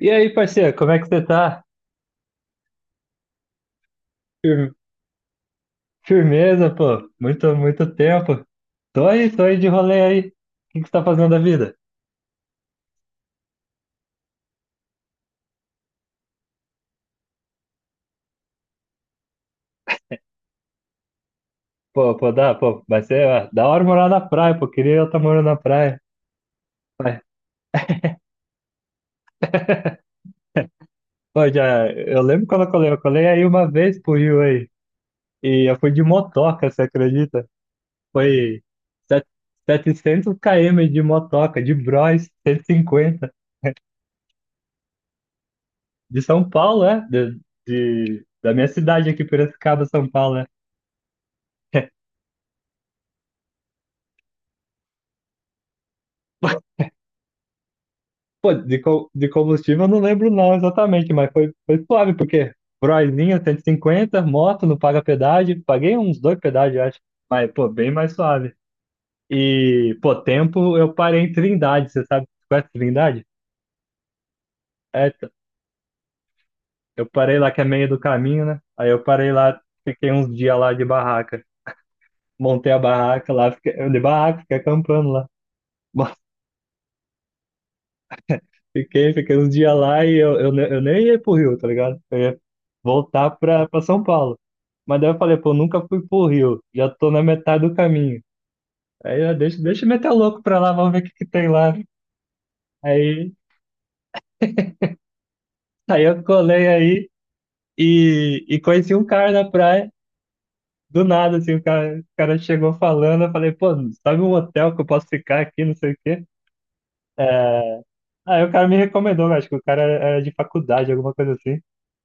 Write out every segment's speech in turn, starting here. E aí, parceiro, como é que você tá? Fir- Firmeza, pô. Muito tempo. Tô aí de rolê aí. O que que você tá fazendo da vida? Vai ser ó, da hora morar na praia, pô. Queria eu estar morando na praia. Mas, pô, já, eu lembro quando eu colei. Eu colei aí uma vez pro Rio aí. E eu fui de motoca, você acredita? Foi set- 700 km de motoca, de Bros, 150. De São Paulo, é? Da minha cidade aqui, Piracicaba, São Paulo, é. Pô, de combustível eu não lembro não exatamente, mas foi suave, porque Broizinho 150, moto, não paga pedágio. Paguei uns dois pedágios, eu acho, mas, pô, bem mais suave. E, pô, tempo eu parei em Trindade. Você sabe, conhece Trindade? É, t- eu parei lá que é meio do caminho, né? Aí eu parei lá, fiquei uns dias lá de barraca, montei a barraca lá, fiquei, de barraca, fiquei acampando lá. Fiquei uns dias lá e eu nem ia pro Rio, tá ligado? Eu ia voltar pra São Paulo. Mas daí eu falei, pô, nunca fui pro Rio, já tô na metade do caminho. Aí eu: "Ah, deixa eu meter o louco pra lá, vamos ver o que que tem lá." Aí, aí eu colei aí e conheci um cara na praia, do nada, assim. O cara, o cara chegou falando, eu falei, pô, sabe um hotel que eu posso ficar aqui, não sei o quê? É, aí o cara me recomendou. Eu acho que o cara era de faculdade, alguma coisa assim,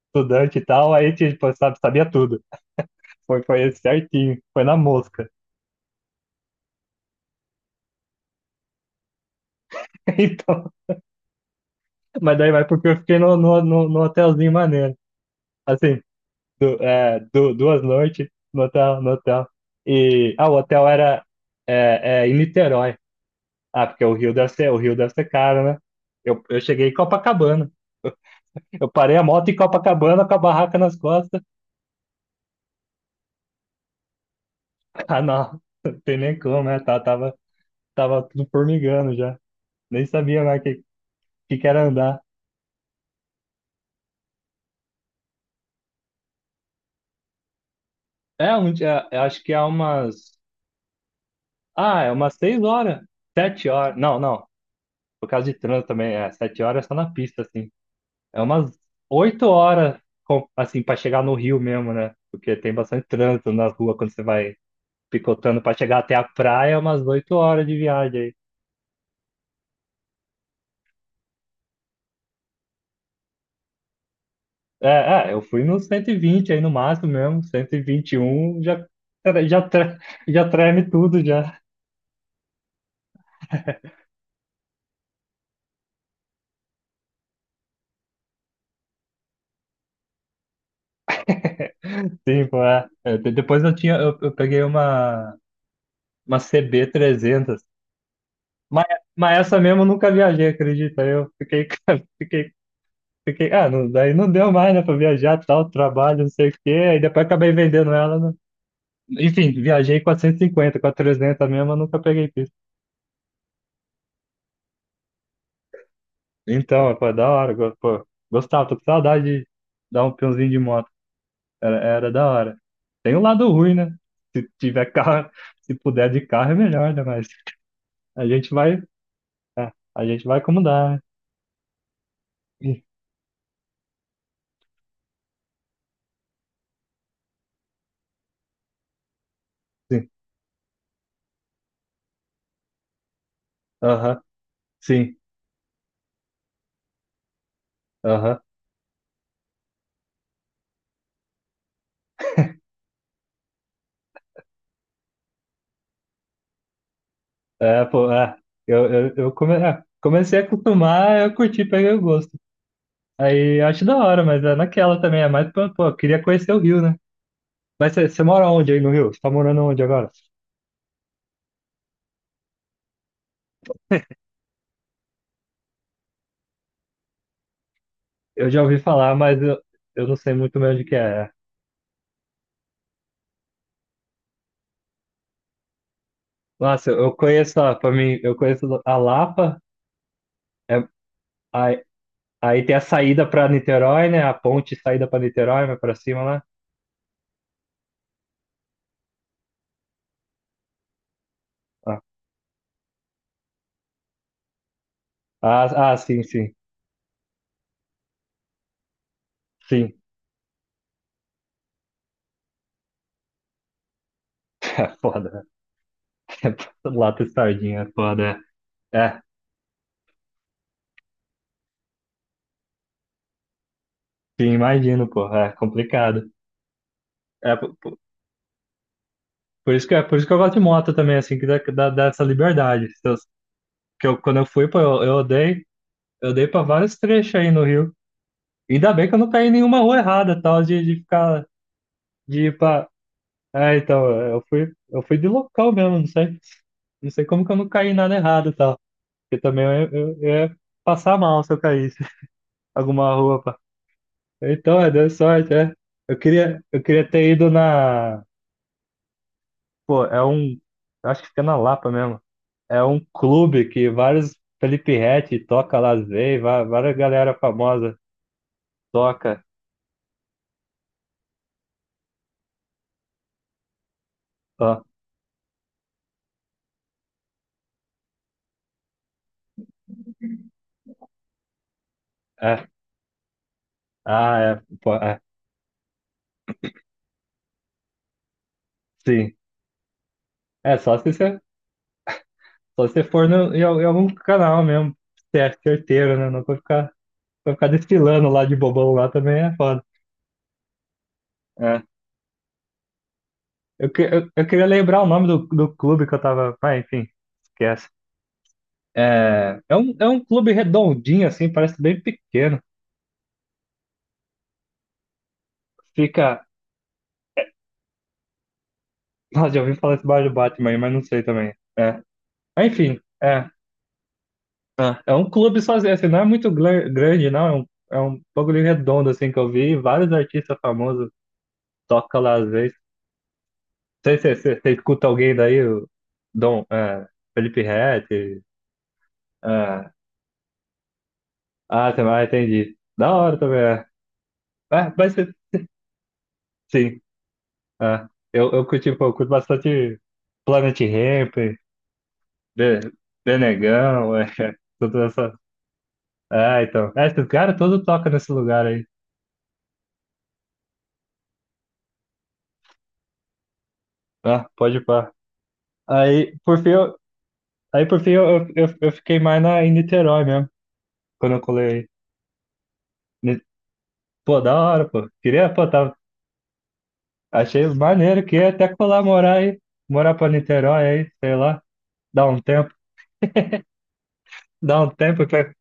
estudante e tal. Aí tipo, sabe, sabia tudo. Foi esse certinho, foi na mosca. Então, mas daí vai porque eu fiquei no hotelzinho maneiro. Assim, duas noites no hotel. E ah, o hotel era é em Niterói. Ah, porque o Rio deve ser, o Rio deve ser caro, né? Eu cheguei em Copacabana. Eu parei a moto em Copacabana com a barraca nas costas. Ah, não, não tem nem como, né? Tava tudo formigando já. Nem sabia mais que era andar. Eu acho que há umas. Ah, é umas 6 horas. 7 horas. Não, não. Por causa de trânsito também. É, 7 horas é só na pista, assim. É umas 8 horas, assim, pra chegar no Rio mesmo, né? Porque tem bastante trânsito nas ruas quando você vai picotando pra chegar até a praia. É umas oito horas de viagem aí. Eu fui no 120 aí no máximo mesmo. 121 já, já, tre- já treme tudo já. Sim, pô, é. Depois eu tinha, eu peguei uma CB300. Mas, mas essa mesmo eu nunca viajei, acredita? Fiquei, ah, não, daí não deu mais, né, pra viajar, tal, trabalho, não sei o quê. Aí depois acabei vendendo ela, né? Enfim, viajei com a 150. Com a 300 mesmo, eu nunca peguei pista. Então, foi da hora. Gostava, tô com saudade de dar um peãozinho de moto. Era da hora. Tem um lado ruim, né? Se tiver carro, se puder de carro é melhor, né, mas a gente vai, é, a gente vai como dá, né? Sim, aham, sim, aham. É, pô, é. É, comecei a acostumar, eu curti, peguei o gosto. Aí eu acho da hora, mas é naquela também. É mais, pô, eu queria conhecer o Rio, né? Mas você mora onde aí no Rio? Você tá morando onde agora? Eu já ouvi falar, mas eu não sei muito bem onde que é. Nossa, eu conheço, ó, pra mim, eu conheço a Lapa, é. aí, aí tem a saída pra Niterói, né? A ponte saída pra Niterói, vai pra cima lá. Ah, ah, ah, sim, sim, sim. É foda, né? Lata e sardinha, é foda, é. É, sim, imagino, pô. É complicado. É, po- po- por isso que, é por isso que eu gosto de moto também, assim, que dá, dá essa liberdade. Se eu- que eu, quando eu fui, pô, eu dei pra vários trechos aí no Rio. Ainda bem que eu não caí em nenhuma rua errada, tal, de ficar, de ir pra... É, então, eu fui de local mesmo. Não sei como que eu não caí em nada errado, tal. Porque também eu ia passar mal se eu caísse alguma rua, pá. Então, é, deu sorte, é. Eu queria ter ido na... Pô, é um. Acho que fica na Lapa mesmo. É um clube que vários. Felipe Ret toca lá, às várias galera famosa toca. Ó, é. Ah, é. Pô, é. Sim. É, só se você for no, em, em algum canal mesmo. Você é certeiro, né? Não vai ficar, vai ficar desfilando lá de bobão lá também é foda. É. Eu queria lembrar o nome do, do clube que eu tava. Ah, enfim, esquece. É um clube redondinho, assim, parece bem pequeno. Fica. Nossa, já ouvi falar esse bar do Batman aí, mas não sei também. É. Mas, enfim, é. Ah, é um clube sozinho, assim, não é muito grande, não. É um bagulho redondo, assim, que eu vi. Vários artistas famosos tocam lá às vezes. Não sei se você se, se escuta alguém daí, o Dom, é, Felipe Ret. É. Ah, você vai, entendi. Da hora também, é. É, mas se- sim, é. Pô, eu curto bastante Planet Hemp, Be- Benegão, é, toda essa. É, então. É, esse cara todo toca nesse lugar aí. Ah, pode pá. Aí, por fim, eu, por fim, eu fiquei mais em Niterói mesmo, quando eu colei aí. Ni- Pô, da hora, pô. Queria, pô, tava, achei maneiro, queria até colar morar aí, morar pra Niterói aí, sei lá, dá um tempo, dá um tempo que...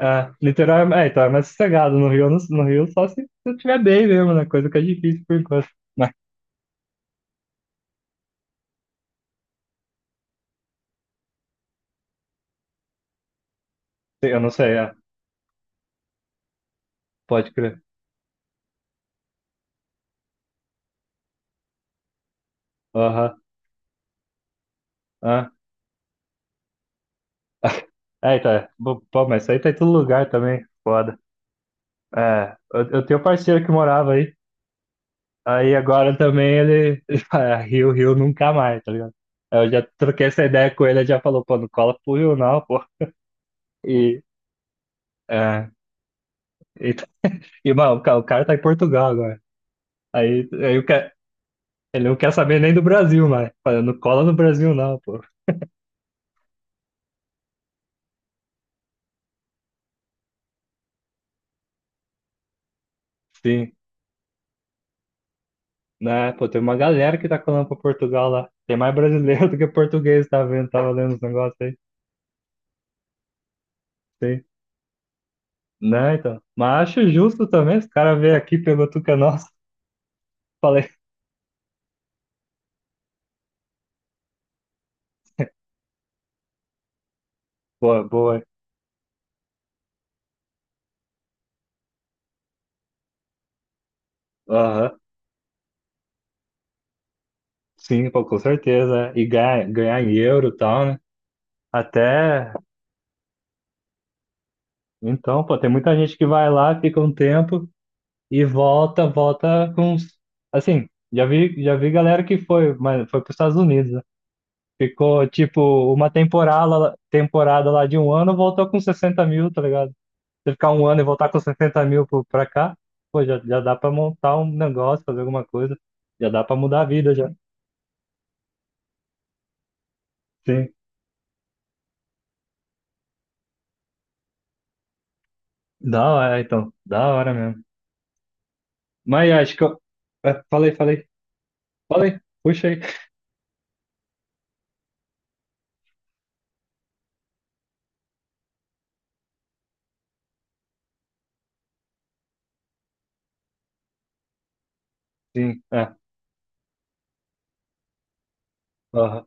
É, Niterói, é, então, é mais sossegado. No Rio, no Rio só se, se eu tiver bem mesmo, né, coisa que é difícil por enquanto. Mas, eu não sei, é, pode crer. Aham, aham. É, então, é. Pô, mas isso aí tá em todo lugar também, foda. É, eu tenho um parceiro que morava aí. Aí agora também ele, ele fala, "É, Rio, Rio nunca mais, tá ligado?" Aí eu já troquei essa ideia com ele, ele já falou, pô, não cola pro Rio não, pô. E, é, e, tá, e mano, o cara tá em Portugal agora. Aí, aí o ca- ele não quer saber nem do Brasil, mas fala, não cola no Brasil não, pô. Sim, né, pô, tem uma galera que tá colando pra Portugal lá. Tem mais brasileiro do que português, tá vendo? Tava lendo os negócios aí. Sim. Né, então. Mas acho justo também. Os caras veio aqui, pegou tudo que é nosso. Falei. Boa, boa. Aham. Sim, pô, com certeza, né, e ganhar, ganhar em euro e tal, né? Até. Então, pô, tem muita gente que vai lá, fica um tempo e volta, volta com uns... Assim, já vi galera que foi, mas foi para os Estados Unidos, né? Ficou, tipo, uma temporada, temporada lá de um ano, voltou com 60.000, tá ligado? Você ficar um ano e voltar com 60.000 pra cá, pô, já, já dá pra montar um negócio, fazer alguma coisa. Já dá pra mudar a vida já. Sim. Da hora, então. Da hora mesmo. Mas acho que eu. Falei. Falei. Puxa aí. Sim, é. Aham.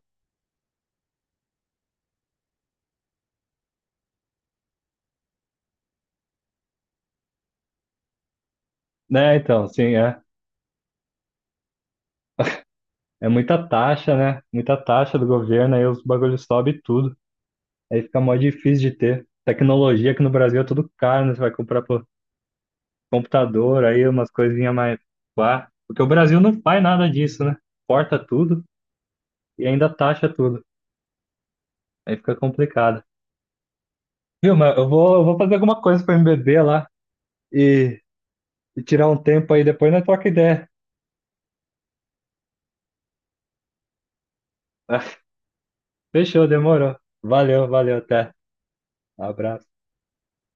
Né, então, sim, é. É muita taxa, né? Muita taxa do governo, aí os bagulhos sobem tudo. Aí fica mó difícil de ter. Tecnologia aqui no Brasil é tudo caro, né? Você vai comprar pô, computador, aí umas coisinhas mais. Pá. Porque o Brasil não faz nada disso, né? Porta tudo. E ainda taxa tudo. Aí fica complicado. Viu, mas eu vou fazer alguma coisa pra me beber lá e, e tirar um tempo aí, depois nós troca ideia. Fechou, demorou. Valeu, valeu, até. Abraço.